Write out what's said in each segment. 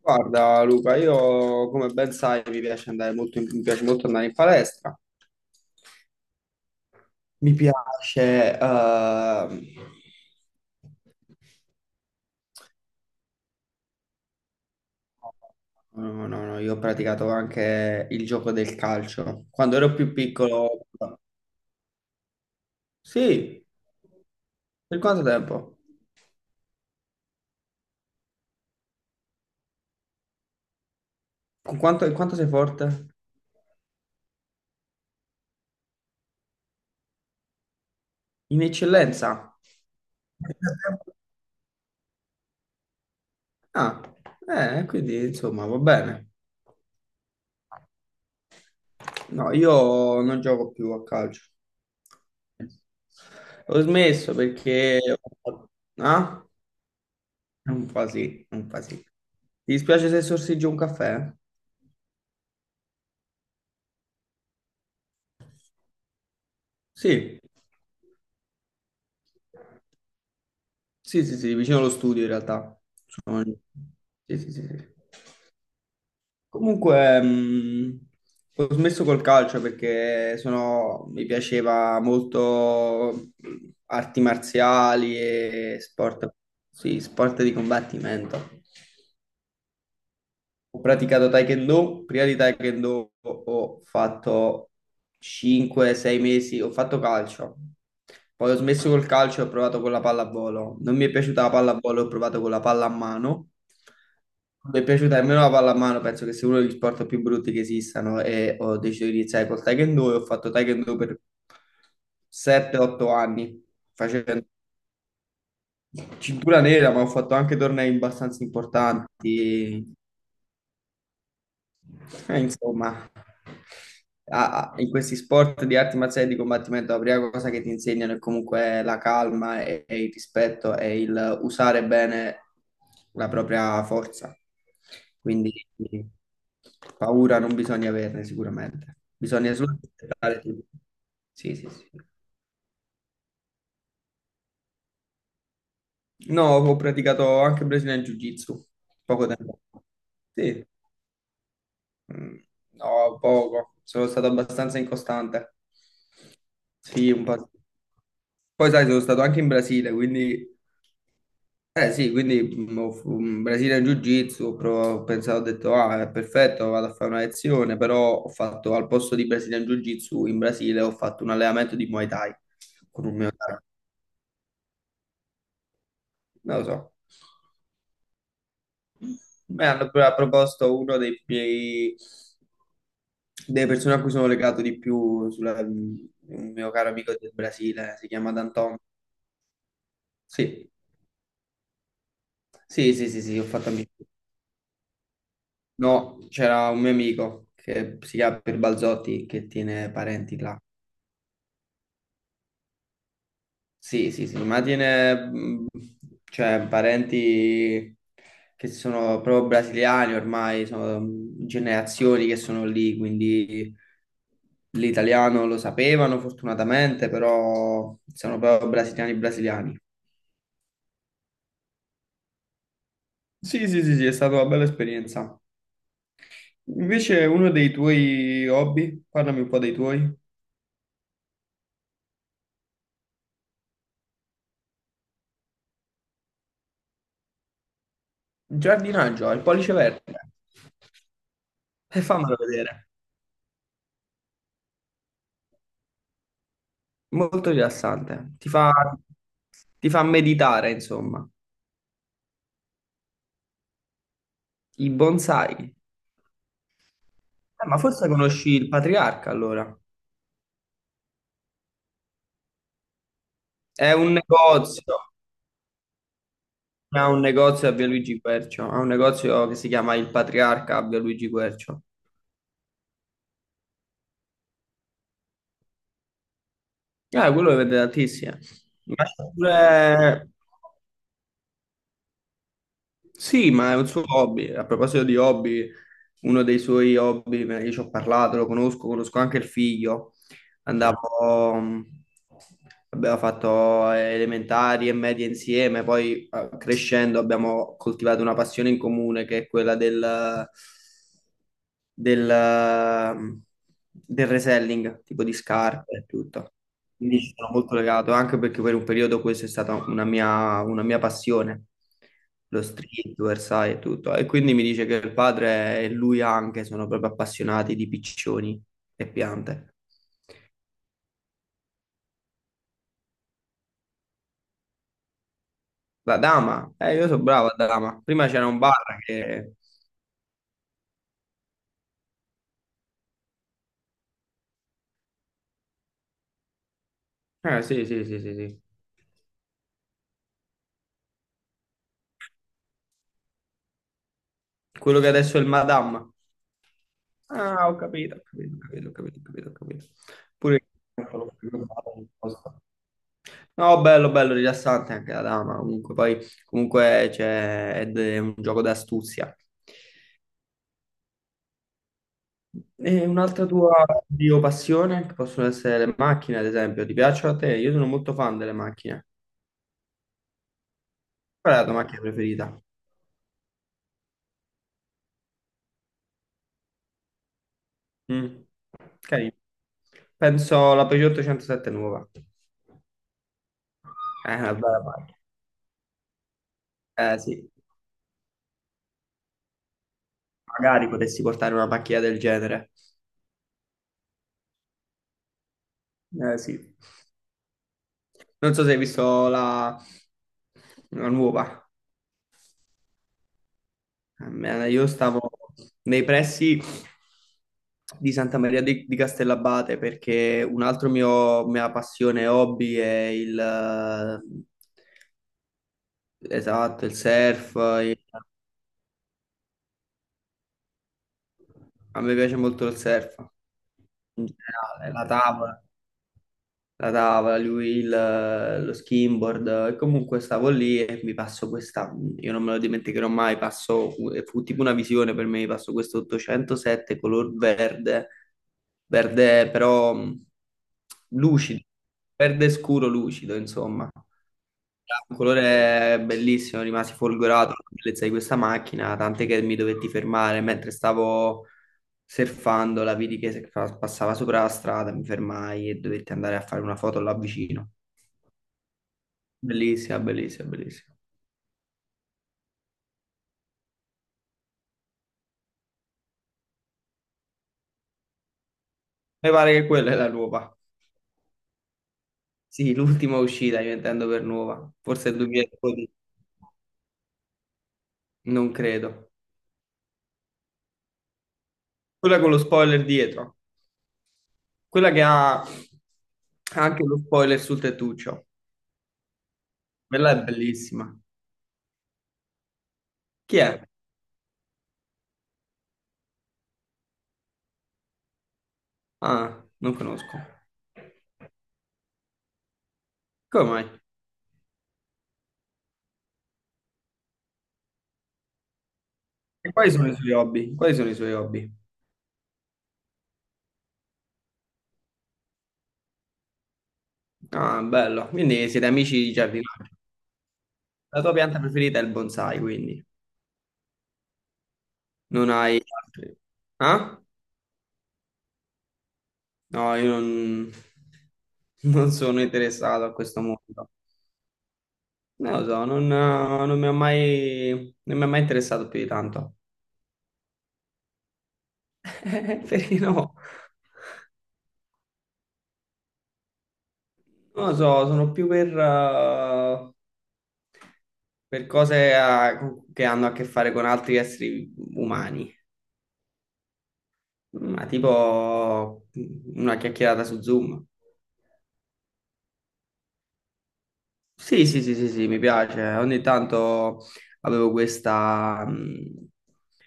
Guarda Luca, io come ben sai mi piace molto andare in palestra, mi piace... ehm, no, no, no, io ho praticato anche il gioco del calcio. Quando ero più piccolo. Sì, per quanto tempo? In quanto sei forte? In eccellenza? Ah, quindi insomma va bene. No, io non gioco più a calcio. Ho smesso perché. Ah? Un po' sì, un po' sì. Ti dispiace se sorseggio un caffè? Sì, sì, sì, sì, vicino allo studio in realtà. Sono- Sì, sì, sì, sì. Comunque, ho smesso col calcio perché mi piaceva molto arti marziali e sport, sì, sport di combattimento. Ho praticato Taekwondo, prima di Taekwondo ho fatto 5-6 mesi, ho fatto calcio. Poi ho smesso col calcio e ho provato con la pallavolo. Non mi è piaciuta la pallavolo, ho provato con la palla a mano. Non mi è piaciuta nemmeno la palla a mano, penso che sia uno degli sport più brutti che esistano e ho deciso di iniziare col Taekwondo e ho fatto Taekwondo per 7-8 anni, facendo cintura nera, ma ho fatto anche tornei abbastanza importanti. Insomma, in questi sport di arti marziali di combattimento, la prima cosa che ti insegnano è comunque la calma e il rispetto e il usare bene la propria forza. Quindi paura non bisogna averne sicuramente. Bisogna solo rispettare tutto. Sì, sì, sì. No, ho praticato anche Brazilian Jiu-Jitsu poco tempo fa. Sì, Mm, no, poco. Sono stato abbastanza incostante. Sì, un po', sì. Poi sai, sono stato anche in Brasile, quindi. Eh sì, quindi in Brasile in Jiu-Jitsu, ho pensato, ho detto, ah, è perfetto, vado a fare una lezione, però ho fatto, al posto di Brasile in Jiu-Jitsu, in Brasile ho fatto un allenamento di Muay Thai con un mio caro. Non lo so. Mi hanno proposto delle persone a cui sono legato di più, un mio caro amico del Brasile, si chiama Danton. Sì, sì, sì, sì, sì, ho fatto amici. No, c'era un mio amico che si chiama Pier Balzotti che tiene parenti là. Sì, sì, sì, ma tiene cioè, parenti che sono proprio brasiliani ormai, sono generazioni che sono lì, quindi l'italiano lo sapevano fortunatamente, però sono proprio brasiliani brasiliani. Sì, sì, sì, sì, è stata una bella esperienza. Invece uno dei tuoi hobby, parlami un po' dei tuoi. Giardinaggio, il pollice verde. E fammelo vedere. Molto rilassante. Ti fa meditare, insomma. I bonsai. Ma forse conosci il Patriarca, allora. È un negozio. Ha un negozio a Via Luigi Quercio. Ha un negozio che si chiama Il Patriarca a Via Luigi Quercio. Quello lo vende tantissimo. Ma c'è pure. Sì, ma è un suo hobby. A proposito di hobby, uno dei suoi hobby, io ci ho parlato, lo conosco, conosco anche il figlio. Andavo, abbiamo fatto elementari e medie insieme, poi crescendo abbiamo coltivato una passione in comune che è quella del, mm, del reselling, tipo di scarpe e tutto. Quindi ci sono molto legato, anche perché per un periodo questa è stata una mia passione, lo streetwear, sai, e tutto. E quindi mi dice che il padre e lui anche sono proprio appassionati di piccioni e piante. La dama, io sono bravo a dama. Prima c'era un bar che. Sì, sì, sì, sì, sì. Quello che adesso è il Madame. Ah, ho capito, ho capito, ho capito, ho capito, ho capito. Ho capito. Pure. No, bello, bello, rilassante anche la dama. Comunque, poi, comunque c'è, ed è un gioco d'astuzia. E un'altra tua passione, che possono essere le macchine, ad esempio, ti piacciono a te? Io sono molto fan delle macchine. Qual è la tua macchina preferita? Mm. Carino. Penso la Peugeot 807 nuova. È una bella macchina. Eh sì, magari potessi portare una macchina del genere. Eh sì. Non so se hai visto la, nuova. Io stavo nei pressi di Santa Maria di Castellabate perché un altro mio mia passione e hobby è il esatto, il surf. il- A me piace molto il surf in generale, la tavola. La tavola, lui lo skimboard e comunque stavo lì e mi passo questa, io non me lo dimenticherò mai, passo, fu tipo una visione per me, passo questo 807 color verde, verde però lucido, verde scuro lucido, insomma. Un colore bellissimo, rimasi folgorato dalla bellezza di questa macchina, tant'è che mi dovetti fermare mentre stavo surfando, la vidi che passava sopra la strada, mi fermai e dovetti andare a fare una foto là vicino. Bellissima, bellissima, bellissima. Mi pare che quella è la nuova. Sì, l'ultima uscita, io intendo per nuova. Forse il 2012, non credo. Quella con lo spoiler dietro, quella che ha anche lo spoiler sul tettuccio. Quella è bellissima. Chi è? Ah, non conosco. Come mai? E quali sono i suoi hobby? Quali sono i suoi hobby? Ah, bello. Quindi siete amici di giardinaggio. La tua pianta preferita è il bonsai, quindi. Non hai altri. Ah? No, io non sono interessato a questo mondo. Non lo so, non mi ha mai, non mi ha mai interessato più di tanto. Perché no? Non lo so, sono più per cose che hanno a che fare con altri esseri umani. Ma tipo una chiacchierata su Zoom. Sì, sì, sì, sì, sì, mi piace. Ogni tanto avevo questa, mh,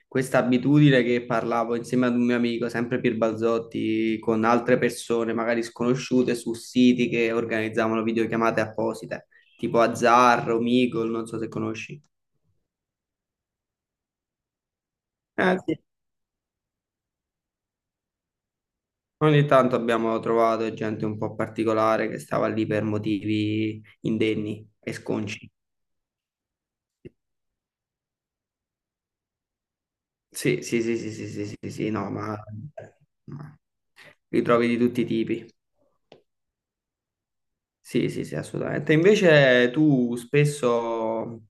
questa abitudine che parlavo insieme ad un mio amico, sempre Pier Balzotti, con altre persone, magari sconosciute, su siti che organizzavano videochiamate apposite, tipo Azzarro, Meagle, non so se conosci. Eh sì. Ogni tanto abbiamo trovato gente un po' particolare che stava lì per motivi indenni e sconci. Sì, sì, sì, sì, sì, sì, sì, sì, sì, no, ma li trovi di tutti i tipi. Sì, sì, sì, assolutamente. Invece tu spesso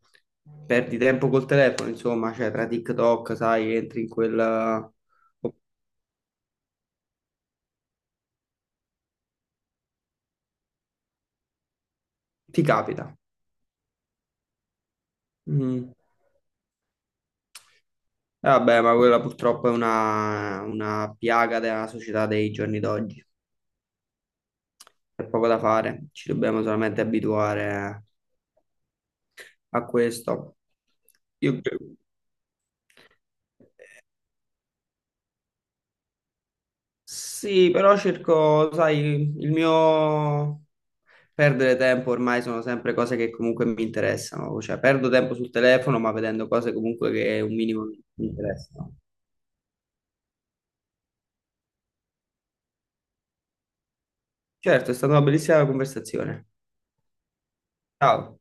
perdi tempo col telefono, insomma, cioè tra TikTok, sai, entri in quella. Ti capita. Mm. Vabbè, ma quella purtroppo è una piaga della società dei giorni d'oggi. C'è poco da fare, ci dobbiamo solamente abituare a questo. Io. Sì, però cerco, sai, il mio perdere tempo ormai sono sempre cose che comunque mi interessano, cioè perdo tempo sul telefono ma vedendo cose comunque che un minimo mi interessano. Certo, è stata una bellissima conversazione. Ciao.